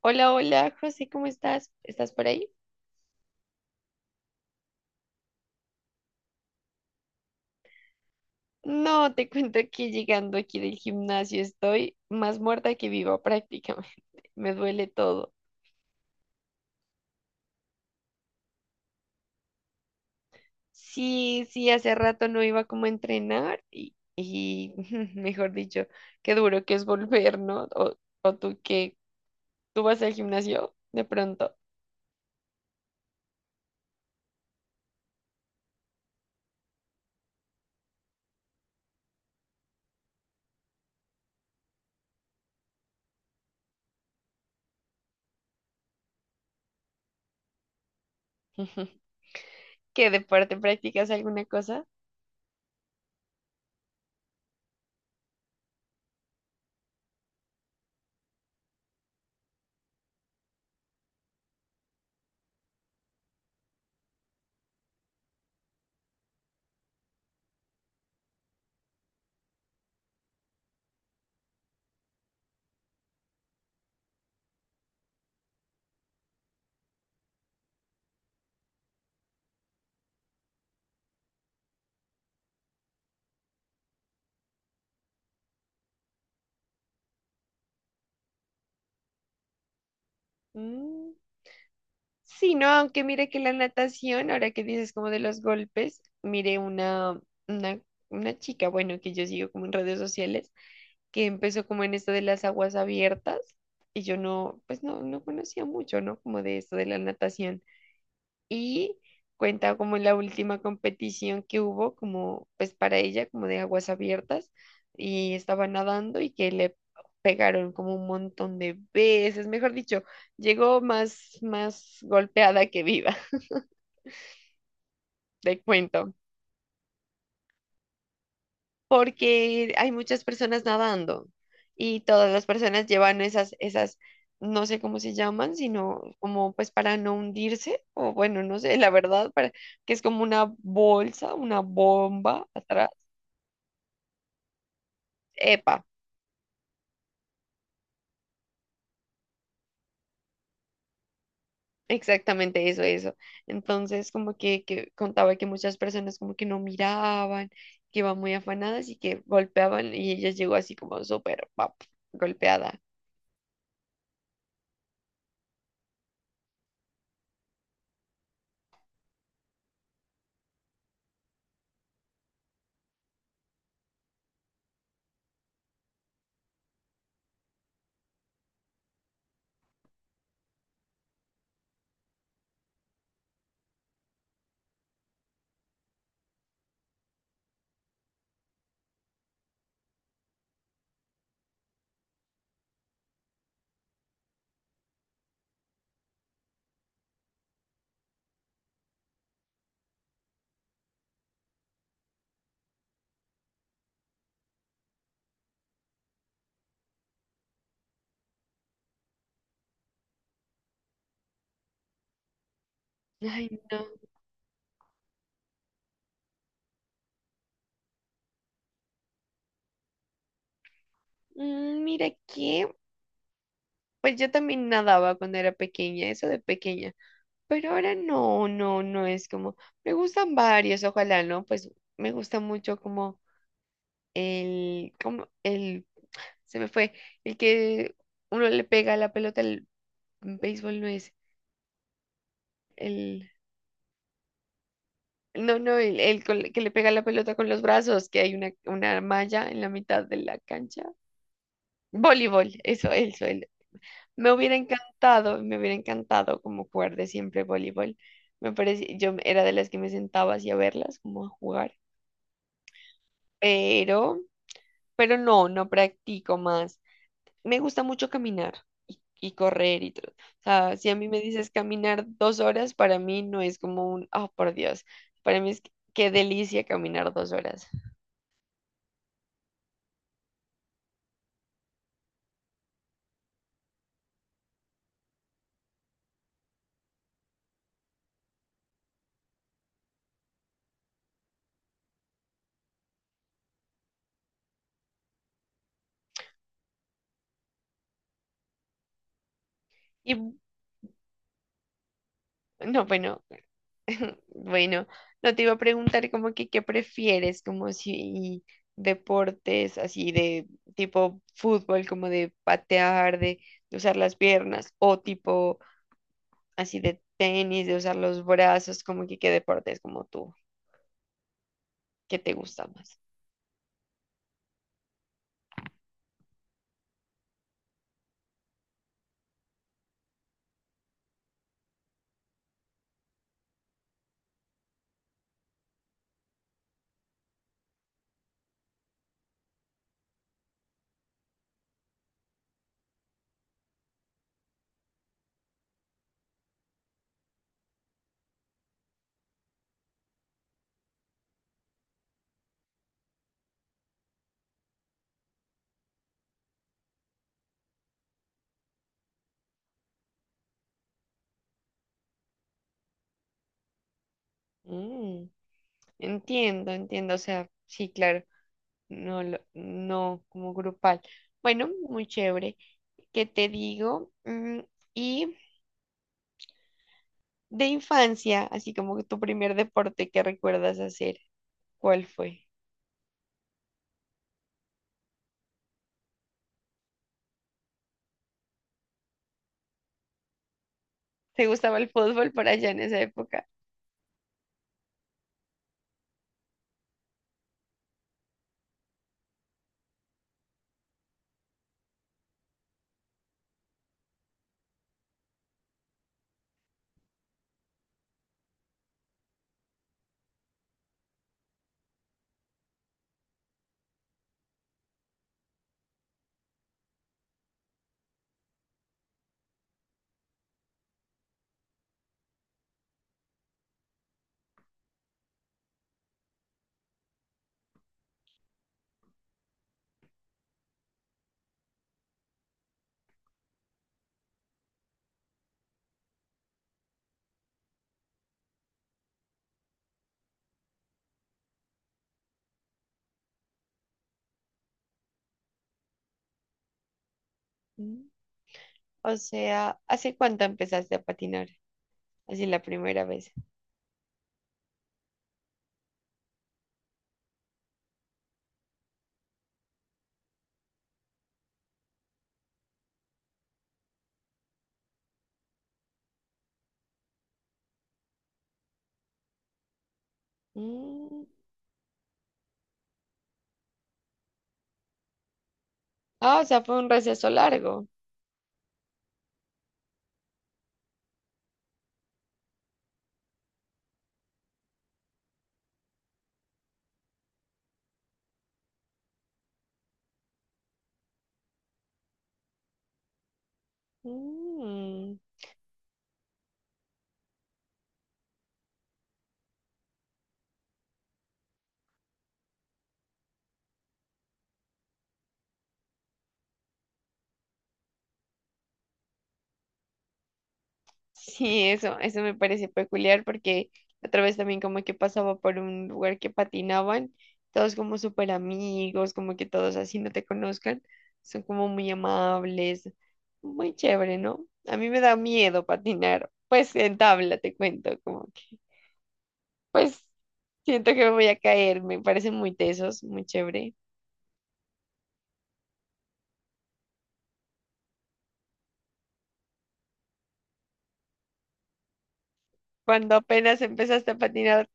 Hola, hola, José, ¿cómo estás? ¿Estás por ahí? No, te cuento que llegando aquí del gimnasio estoy más muerta que viva prácticamente. Me duele todo. Sí, sí, hace rato no iba como a entrenar y mejor dicho, qué duro que es volver, ¿no? O tú que tú vas al gimnasio de pronto. ¿Qué deporte practicas alguna cosa? Mm. Sí, no, aunque mire que la natación, ahora que dices como de los golpes, mire una, una chica, bueno, que yo sigo como en redes sociales, que empezó como en esto de las aguas abiertas y yo no, pues no conocía mucho, ¿no? Como de esto de la natación y cuenta como la última competición que hubo, como pues para ella, como de aguas abiertas, y estaba nadando y que le pegaron como un montón de veces, mejor dicho, llegó más golpeada que viva, te cuento, porque hay muchas personas nadando y todas las personas llevan esas no sé cómo se llaman, sino como pues para no hundirse, o bueno, no sé, la verdad, para, que es como una bolsa, una bomba atrás. Epa, exactamente eso, eso. Entonces, como que contaba que muchas personas como que no miraban, que iban muy afanadas y que golpeaban y ella llegó así como súper pap, golpeada. Ay, no. Mm, mira que, pues yo también nadaba cuando era pequeña, eso de pequeña, pero ahora no, no es como, me gustan varios, ojalá, ¿no? Pues me gusta mucho como el, se me fue, el que uno le pega la pelota al béisbol no es el, no, no, el que le pega la pelota con los brazos, que hay una malla en la mitad de la cancha. Voleibol, eso, el... me hubiera encantado como jugar de siempre voleibol. Me parece, yo era de las que me sentaba así a verlas, como a jugar, pero, pero no, no practico más. Me gusta mucho caminar y correr y todo. O sea, si a mí me dices caminar 2 horas, para mí no es como un, oh, por Dios, para mí es que qué delicia caminar 2 horas. Y no, bueno, bueno, no te iba a preguntar como que qué prefieres, como si deportes así de tipo fútbol, como de patear, de usar las piernas, o tipo así de tenis, de usar los brazos, como que qué deportes como tú, qué te gusta más. Mm. Entiendo, entiendo, o sea, sí, claro, no, lo, no como grupal. Bueno, muy chévere. ¿Qué te digo? Mm, y de infancia, así como que tu primer deporte que recuerdas hacer, ¿cuál fue? ¿Te gustaba el fútbol por allá en esa época? Mm. O sea, ¿hace cuánto empezaste a patinar? Así la primera vez. Mm. Ah, o sea, fue un receso largo. Mm. Sí, eso me parece peculiar porque otra vez también como que pasaba por un lugar que patinaban, todos como súper amigos, como que todos así no te conozcan, son como muy amables, muy chévere, ¿no? A mí me da miedo patinar, pues en tabla te cuento, como que, pues siento que me voy a caer, me parecen muy tesos, muy chévere. Cuando apenas empezaste a patinar,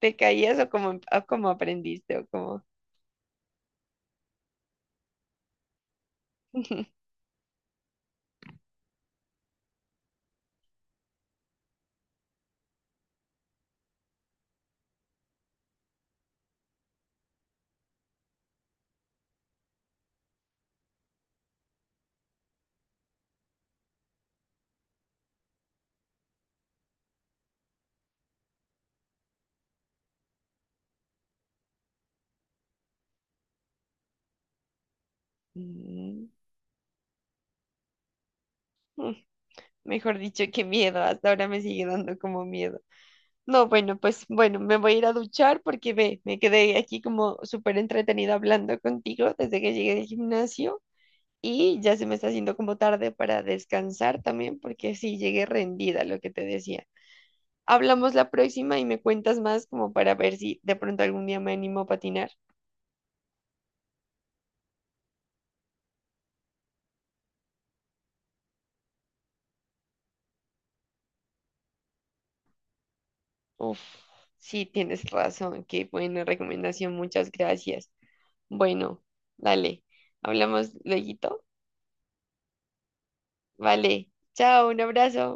¿te caías o como, como aprendiste o como... Mm. Mejor dicho, qué miedo, hasta ahora me sigue dando como miedo. No, bueno, pues bueno, me voy a ir a duchar porque ve, me quedé aquí como súper entretenida hablando contigo desde que llegué del gimnasio y ya se me está haciendo como tarde para descansar también porque sí llegué rendida, lo que te decía. Hablamos la próxima y me cuentas más como para ver si de pronto algún día me animo a patinar. Uf, sí, tienes razón, qué buena recomendación, muchas gracias. Bueno, dale, hablamos luego. Vale, chao, un abrazo.